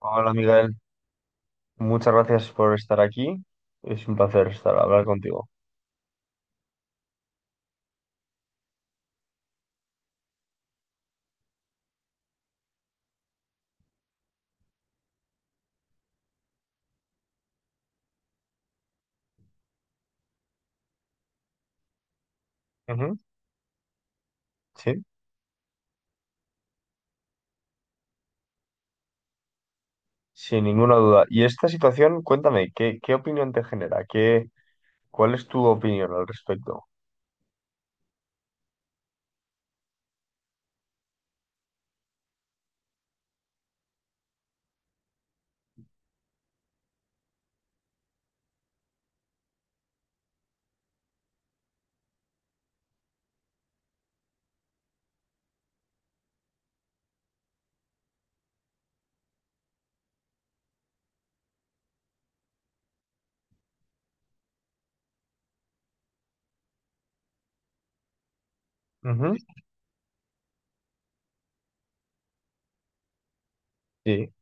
Hola Miguel, muchas gracias por estar aquí. Es un placer estar hablar contigo. Ujú. Sí, sin ninguna duda. Y esta situación, cuéntame, ¿qué, qué opinión te genera? ¿Qué, cuál es tu opinión al respecto? Ujú. Sí,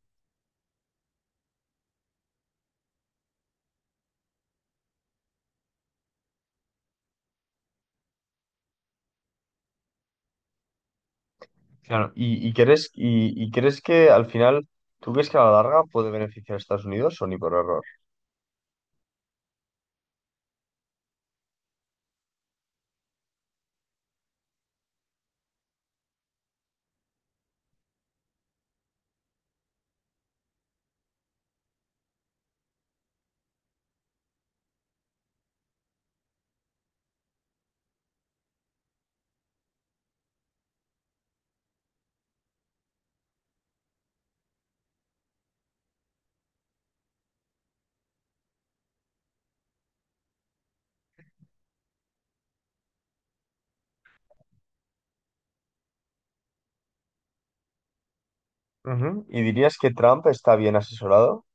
claro. Y crees que al final, tú crees que a la larga puede beneficiar a Estados Unidos o ni por error? Ujú. ¿Y dirías que Trump está bien asesorado?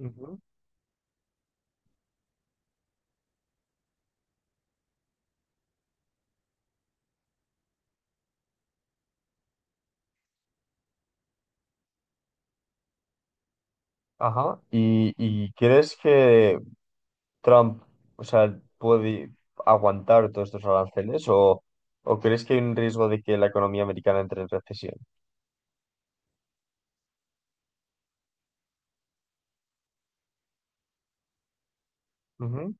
Ujú. Ajá. Y crees que Trump, o sea, puede aguantar todos estos aranceles o crees que hay un riesgo de que la economía americana entre en recesión? Ujú,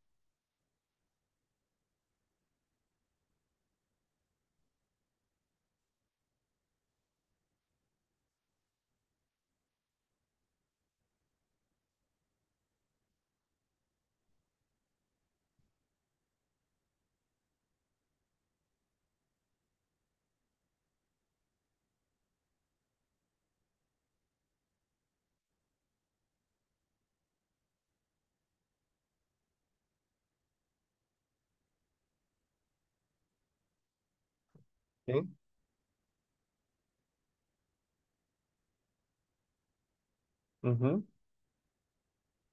sí, ujú.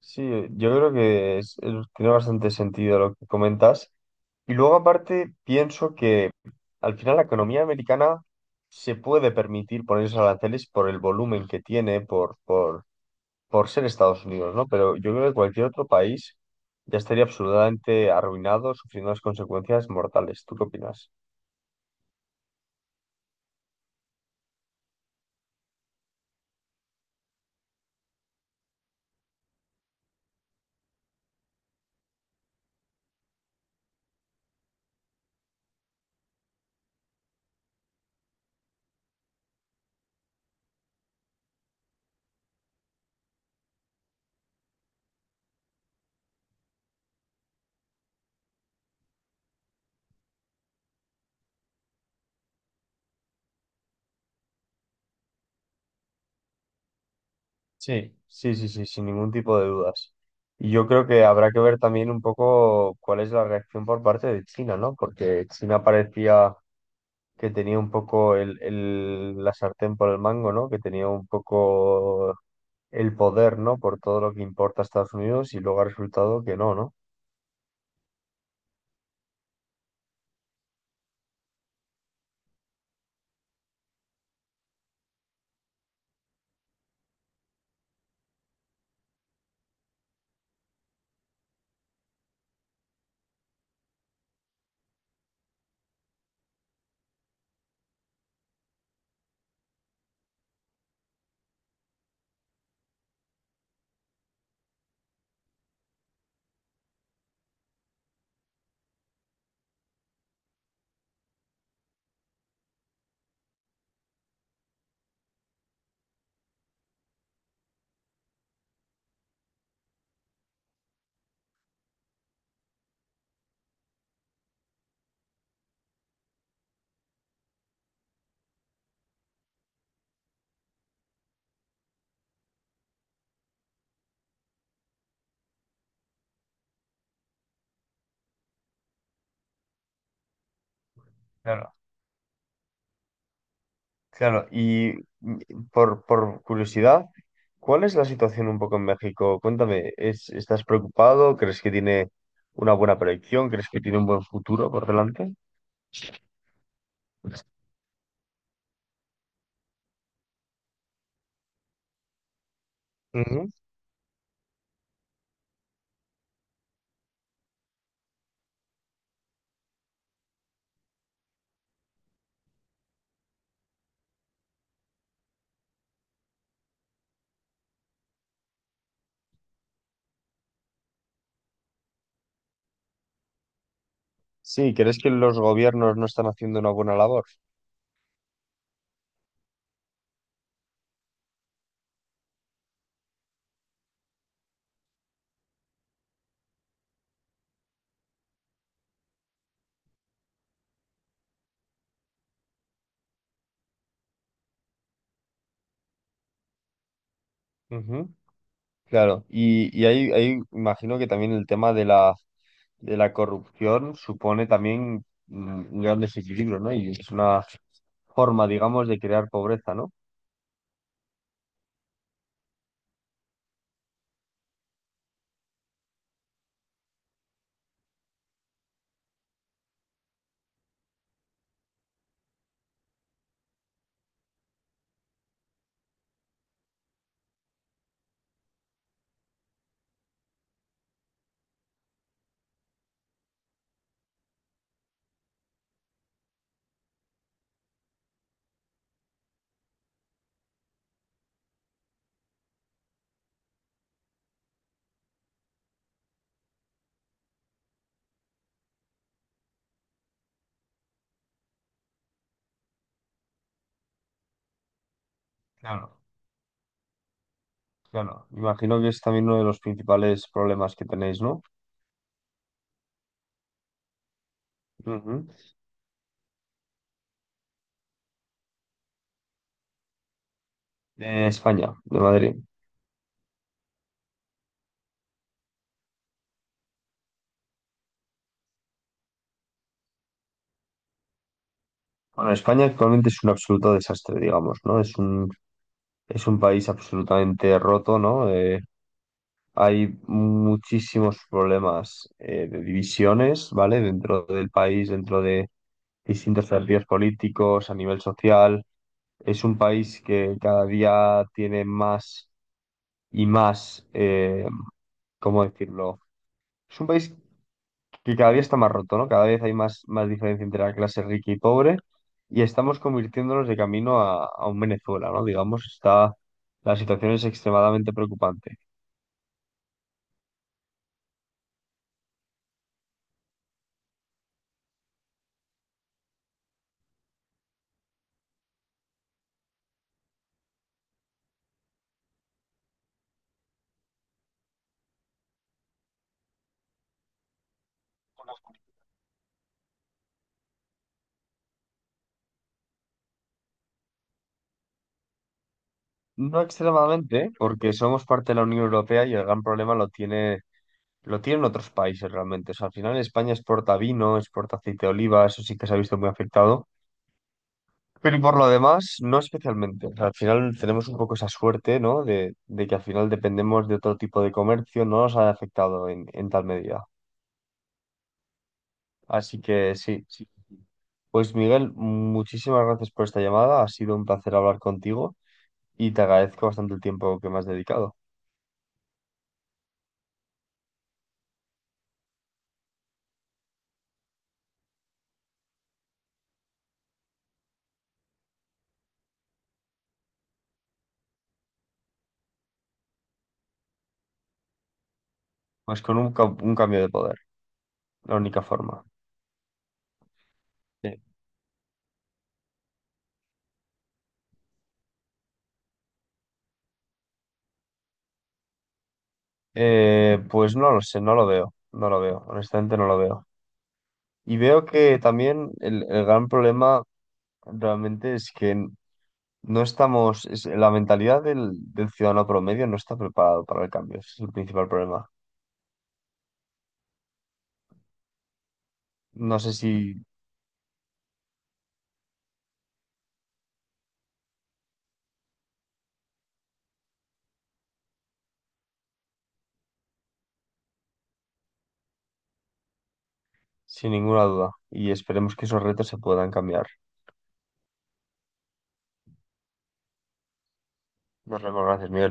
Sí, yo creo que tiene bastante sentido lo que comentas. Y luego aparte pienso que al final la economía americana se puede permitir poner esos aranceles por el volumen que tiene, por ser Estados Unidos, ¿no? Pero yo creo que cualquier otro país ya estaría absolutamente arruinado, sufriendo las consecuencias mortales. ¿Tú qué opinas? Sí. Sí, sí, sí, sin ningún tipo de dudas. Y yo creo que habrá que ver también un poco cuál es la reacción por parte de China, ¿no? Porque China parecía que tenía un poco la sartén por el mango, ¿no? Que tenía un poco el poder, ¿no? Por todo lo que importa a Estados Unidos y luego ha resultado que no, ¿no? Claro. Claro, y mm, por curiosidad, ¿cuál es la situación un poco en México? Cuéntame, ¿es, estás preocupado? ¿Crees que tiene una buena proyección? ¿Crees que tiene un buen futuro por delante? Ujú. Sí, ¿crees que los gobiernos no están haciendo una buena labor? Ujú. Claro, y ahí, ahí imagino que también el tema de la corrupción supone también un gran desequilibrio, ¿no? Y es una forma, digamos, de crear pobreza, ¿no? Claro. Claro, imagino que es también uno de los principales problemas que tenéis, ¿no? Ujú. De España, de Madrid. Bueno, España actualmente es un absoluto desastre, digamos, ¿no? Es un país absolutamente roto, ¿no? Hay muchísimos problemas de divisiones, ¿vale? Dentro del país, dentro de distintos partidos políticos, a nivel social. Es un país que cada día tiene más y más, ¿cómo decirlo? Es un país que cada día está más roto, ¿no? Cada vez hay más, más diferencia entre la clase rica y pobre y estamos convirtiéndonos de camino a un Venezuela, ¿no? Digamos, está, la situación es extremadamente preocupante. No extremadamente, porque somos parte de la Unión Europea y el gran problema lo tiene, lo tienen otros países realmente. O sea, al final España exporta vino, exporta aceite de oliva, eso sí que se ha visto muy afectado. Pero y por lo demás, no especialmente. O sea, al final tenemos un poco esa suerte, ¿no? De que al final dependemos de otro tipo de comercio, no nos ha afectado en tal medida. Así que sí. Sí. Pues Miguel, muchísimas gracias por esta llamada. Ha sido un placer hablar contigo y te agradezco bastante el tiempo que me has dedicado. Pues con un, un cambio de poder, la única forma. Sí. Pues no lo sé, no lo veo, no lo veo, honestamente no lo veo. Y veo que también el gran problema realmente es que no estamos, la mentalidad del, del ciudadano promedio no está preparado para el cambio, ese es el principal problema. No sé si, sin ninguna duda, y esperemos que esos retos se puedan cambiar. Nos vemos, gracias, Miguel.